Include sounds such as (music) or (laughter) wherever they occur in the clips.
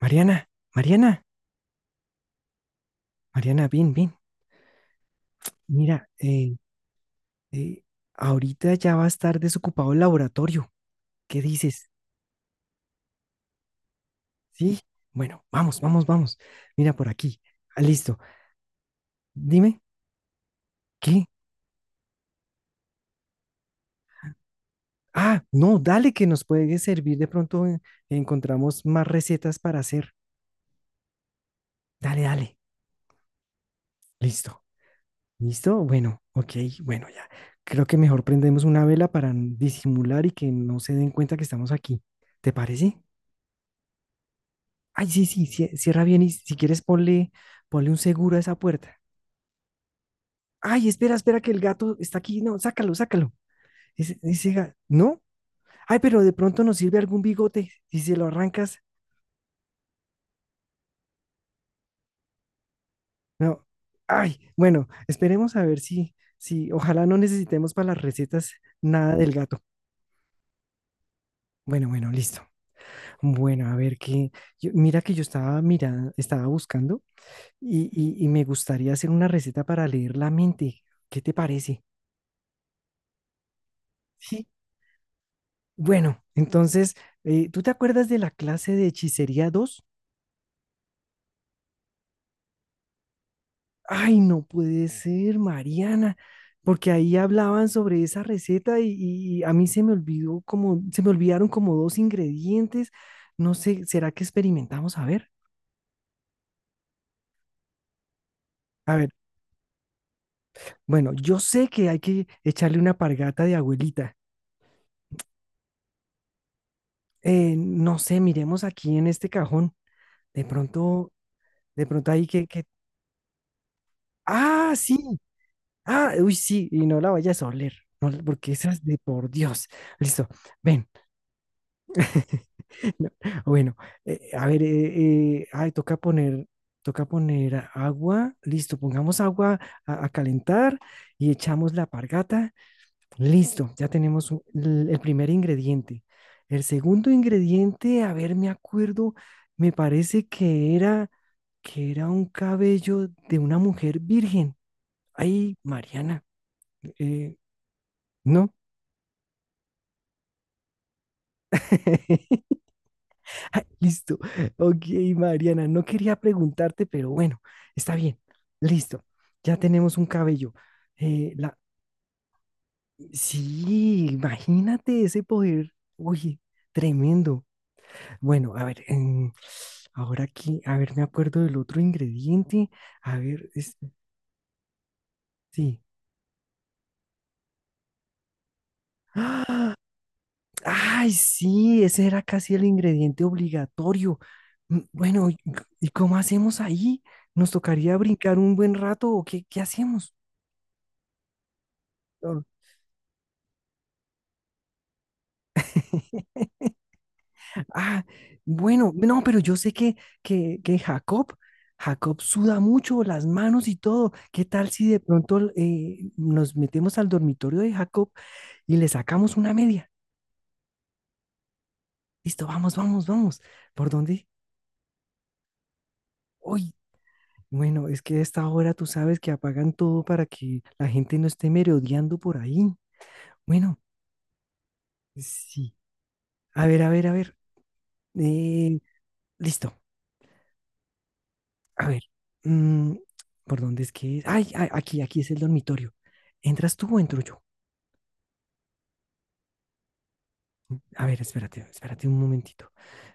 Mariana, Mariana, Mariana, bien, bien. Mira, eh, ahorita ya va a estar desocupado el laboratorio. ¿Qué dices? Sí, bueno, vamos, vamos, vamos. Mira por aquí. Ah, listo. Dime, ¿qué? Ah, no, dale que nos puede servir. De pronto encontramos más recetas para hacer. Dale, dale. Listo. ¿Listo? Bueno, ok, bueno, ya. Creo que mejor prendemos una vela para disimular y que no se den cuenta que estamos aquí. ¿Te parece? Ay, sí, sí, cierra bien y si quieres ponle, ponle un seguro a esa puerta. Ay, espera, espera que el gato está aquí. No, sácalo, sácalo. Ese, ¿no? Ay, pero de pronto nos sirve algún bigote. Si se lo arrancas, no. Ay, bueno, esperemos a ver si, ojalá no necesitemos para las recetas nada del gato. Bueno, bueno, listo. Bueno, a ver qué. Mira que yo estaba mirando, estaba buscando y, y me gustaría hacer una receta para leer la mente. ¿Qué te parece? Sí. Bueno, entonces, ¿tú te acuerdas de la clase de hechicería 2? Ay, no puede ser, Mariana, porque ahí hablaban sobre esa receta y a mí se me olvidaron como dos ingredientes. No sé, ¿será que experimentamos? A ver, a ver. Bueno, yo sé que hay que echarle una pargata de abuelita. No sé, miremos aquí en este cajón. De pronto, de pronto ahí que. Ah, sí, ah, uy, sí, y no la vayas a oler, no, porque esas de por Dios. Listo, ven. (laughs) No, bueno, a ver, ay, toca poner agua. Listo, pongamos agua a calentar y echamos la pargata. Listo, ya tenemos el primer ingrediente. El segundo ingrediente, a ver, me acuerdo, me parece que era un cabello de una mujer virgen. Ay, Mariana, eh, ¿no? (laughs) Ay, listo. Ok, Mariana, no quería preguntarte, pero bueno, está bien. Listo. Ya tenemos un cabello. La. Sí, imagínate ese poder. Oye, tremendo. Bueno, a ver, ahora aquí, a ver, me acuerdo del otro ingrediente. A ver, sí. (gasps) Ay, sí, ese era casi el ingrediente obligatorio. Bueno, ¿y cómo hacemos ahí? ¿Nos tocaría brincar un buen rato o qué hacemos? Lol. (laughs) Ah, bueno, no, pero yo sé que Jacob suda mucho las manos y todo. ¿Qué tal si de pronto nos metemos al dormitorio de Jacob y le sacamos una media? Listo, vamos, vamos, vamos. ¿Por dónde? Uy, bueno, es que a esta hora tú sabes que apagan todo para que la gente no esté merodeando por ahí. Bueno, sí. A ver, a ver, a ver. Eh, Listo. A ver. mm, ¿Por dónde es que es? Ay, aquí es el dormitorio. ¿Entras tú o entro yo? A ver, espérate, espérate un momentito.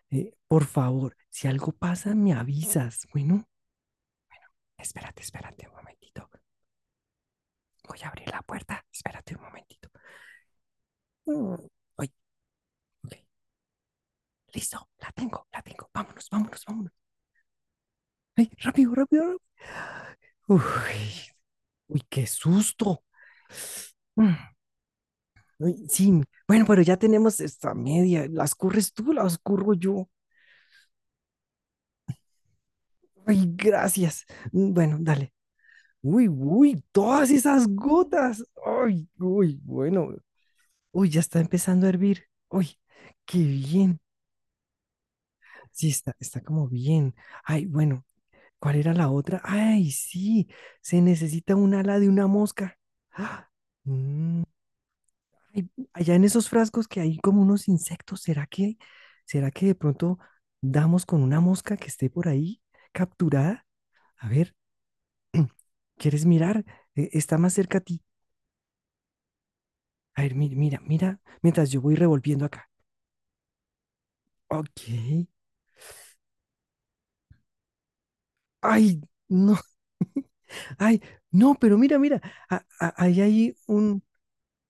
Por favor, si algo pasa, me avisas. Bueno, espérate, espérate un momentito. Voy a abrir la puerta. Espérate un momentito. Mm, Ay, ok. Listo, la tengo, la tengo. Vámonos, vámonos, vámonos. ¡Ay, rápido, rápido, rápido! Uy, uy, qué susto. Mm, Uy, sí, bueno, pero ya tenemos esta media. ¿Las curres tú, las curro yo? Ay, gracias. Bueno, dale. Uy, uy, todas esas gotas. Ay, uy, bueno. Uy, ya está empezando a hervir. Uy, qué bien. Sí, está como bien. Ay, bueno, ¿cuál era la otra? Ay, sí, se necesita un ala de una mosca. (gasps) ¡Ah! Ay, allá en esos frascos que hay como unos insectos, ¿será que de pronto damos con una mosca que esté por ahí capturada? A ver, (clears throat) ¿quieres mirar? Está más cerca a ti. A ver, mira, mira, mira, mientras yo voy revolviendo acá. Ok. Ay, no, (laughs) ay, no, pero mira, mira, ahí hay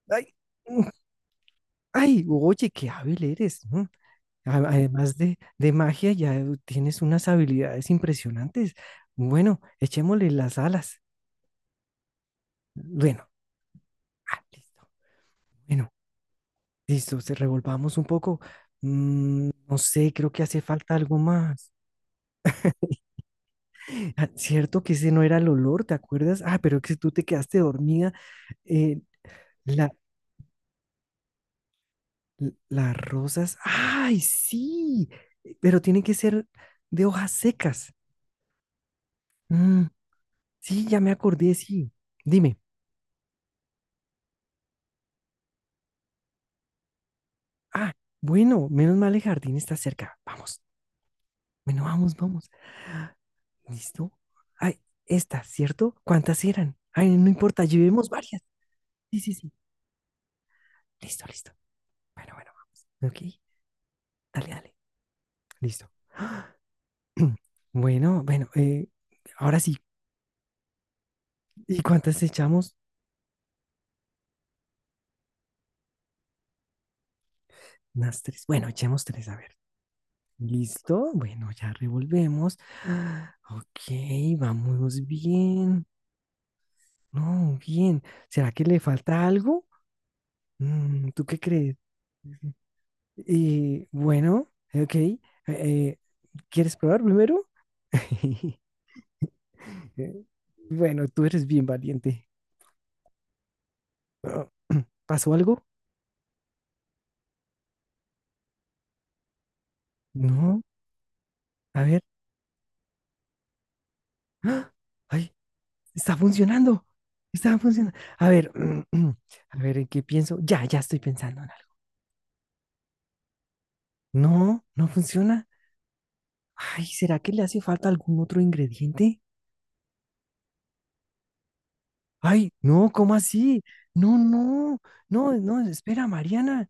ay, un- ay, oye, qué hábil eres, ¿no? Además de magia, ya tienes unas habilidades impresionantes. Bueno, echémosle las alas. Bueno, ah, listo. Bueno, listo, se revolvamos un poco. No sé, creo que hace falta algo más. Ah, cierto que ese no era el olor, ¿te acuerdas? Ah, pero que tú te quedaste dormida. Eh, la, las rosas. ¡Ay, sí! Pero tiene que ser de hojas secas. Mm, sí, ya me acordé, sí. Dime. Ah, bueno, menos mal el jardín está cerca. Vamos, bueno, vamos, vamos. ¿Listo? Ay, esta, ¿cierto? ¿Cuántas eran? Ay, no importa, llevemos varias. Sí, sí, sí. Listo, listo. Bueno, bueno, vamos. Ok, dale, dale. Listo. (clears throat) Bueno, bueno, ahora sí. ¿Y cuántas echamos? Unas tres. Bueno, echemos tres, a ver. Listo. Bueno, ya revolvemos. Ah, ok, vamos bien. No, bien. ¿Será que le falta algo? ¿Tú qué crees? Y bueno, ok. Eh, ¿Quieres probar primero? (laughs) Eh, Bueno, tú eres bien valiente. Ah, (clears throat) ¿Pasó algo? No. A ver. ¡Ah! ¡Ay! Está funcionando. Está funcionando. A ver. (clears throat) A ver, ¿en qué pienso? Ya estoy pensando en algo. No, no funciona. Ay, ¿será que le hace falta algún otro ingrediente? Ay, no, ¿cómo así? No, no, no, no, espera, Mariana.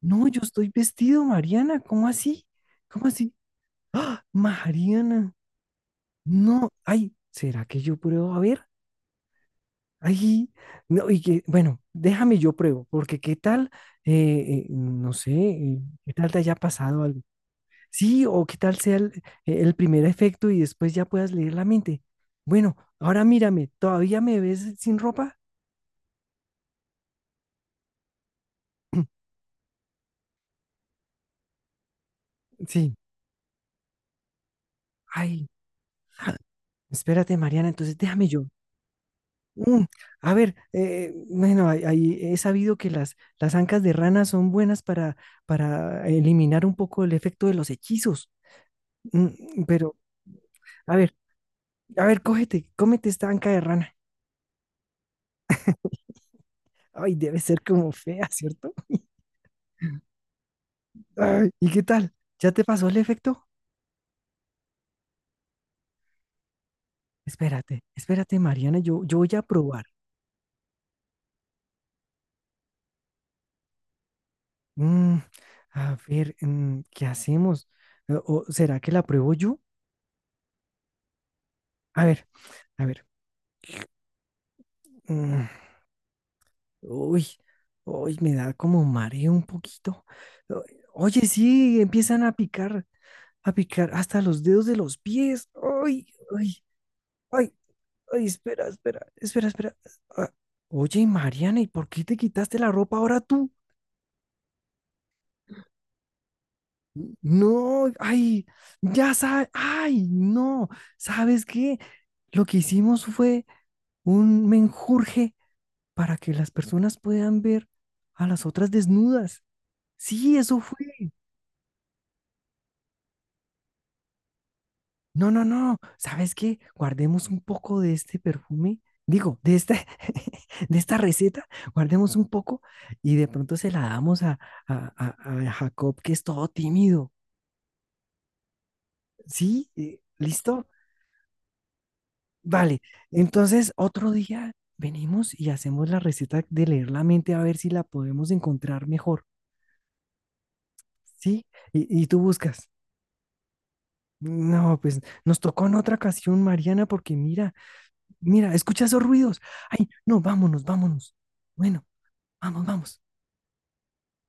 No, yo estoy vestido, Mariana. ¿Cómo así? ¿Cómo así? ¡Ah! Mariana. No, ay, ¿será que yo pruebo? A ver, ay, no, y que, bueno, déjame yo pruebo, porque qué tal, no sé, qué tal te haya pasado algo. Sí, o qué tal sea el primer efecto y después ya puedas leer la mente. Bueno, ahora mírame, ¿todavía me ves sin ropa? (clears throat) Sí, ay, ah, espérate, Mariana, entonces déjame yo. Mm, a ver, bueno, ahí he sabido que las ancas de rana son buenas para eliminar un poco el efecto de los hechizos. Pero, a ver, a ver, cógete, cómete esta anca de rana. Ay, debe ser como fea, ¿cierto? Ay, ¿y qué tal? ¿Ya te pasó el efecto? Espérate, espérate, Mariana, yo voy a probar. Mm, a ver, ¿qué hacemos? ¿O será que la pruebo yo? A ver, a ver. mm, Uy, uy, me da como mareo un poquito. O- Oye, sí, empiezan a picar hasta los dedos de los pies. Uy, uy, ay, ay, espera, espera, espera, espera. Ah, oye, Mariana, ¿y por qué te quitaste la ropa ahora tú? No, ay, ya sabes, ay, no, ¿sabes qué? Lo que hicimos fue un menjurje para que las personas puedan ver a las otras desnudas. Sí, eso fue. No, no, no. ¿Sabes qué? Guardemos un poco de este perfume. Digo, (laughs) de esta receta, guardemos un poco y de pronto se la damos a Jacob, que es todo tímido. ¿Sí? ¿Listo? Vale. Entonces, otro día venimos y hacemos la receta de leer la mente a ver si la podemos encontrar mejor. ¿Sí? Y tú buscas. No, pues nos tocó en otra ocasión, Mariana, porque mira. Mira, escucha esos ruidos. Ay, no, vámonos, vámonos. Bueno, vamos, vamos.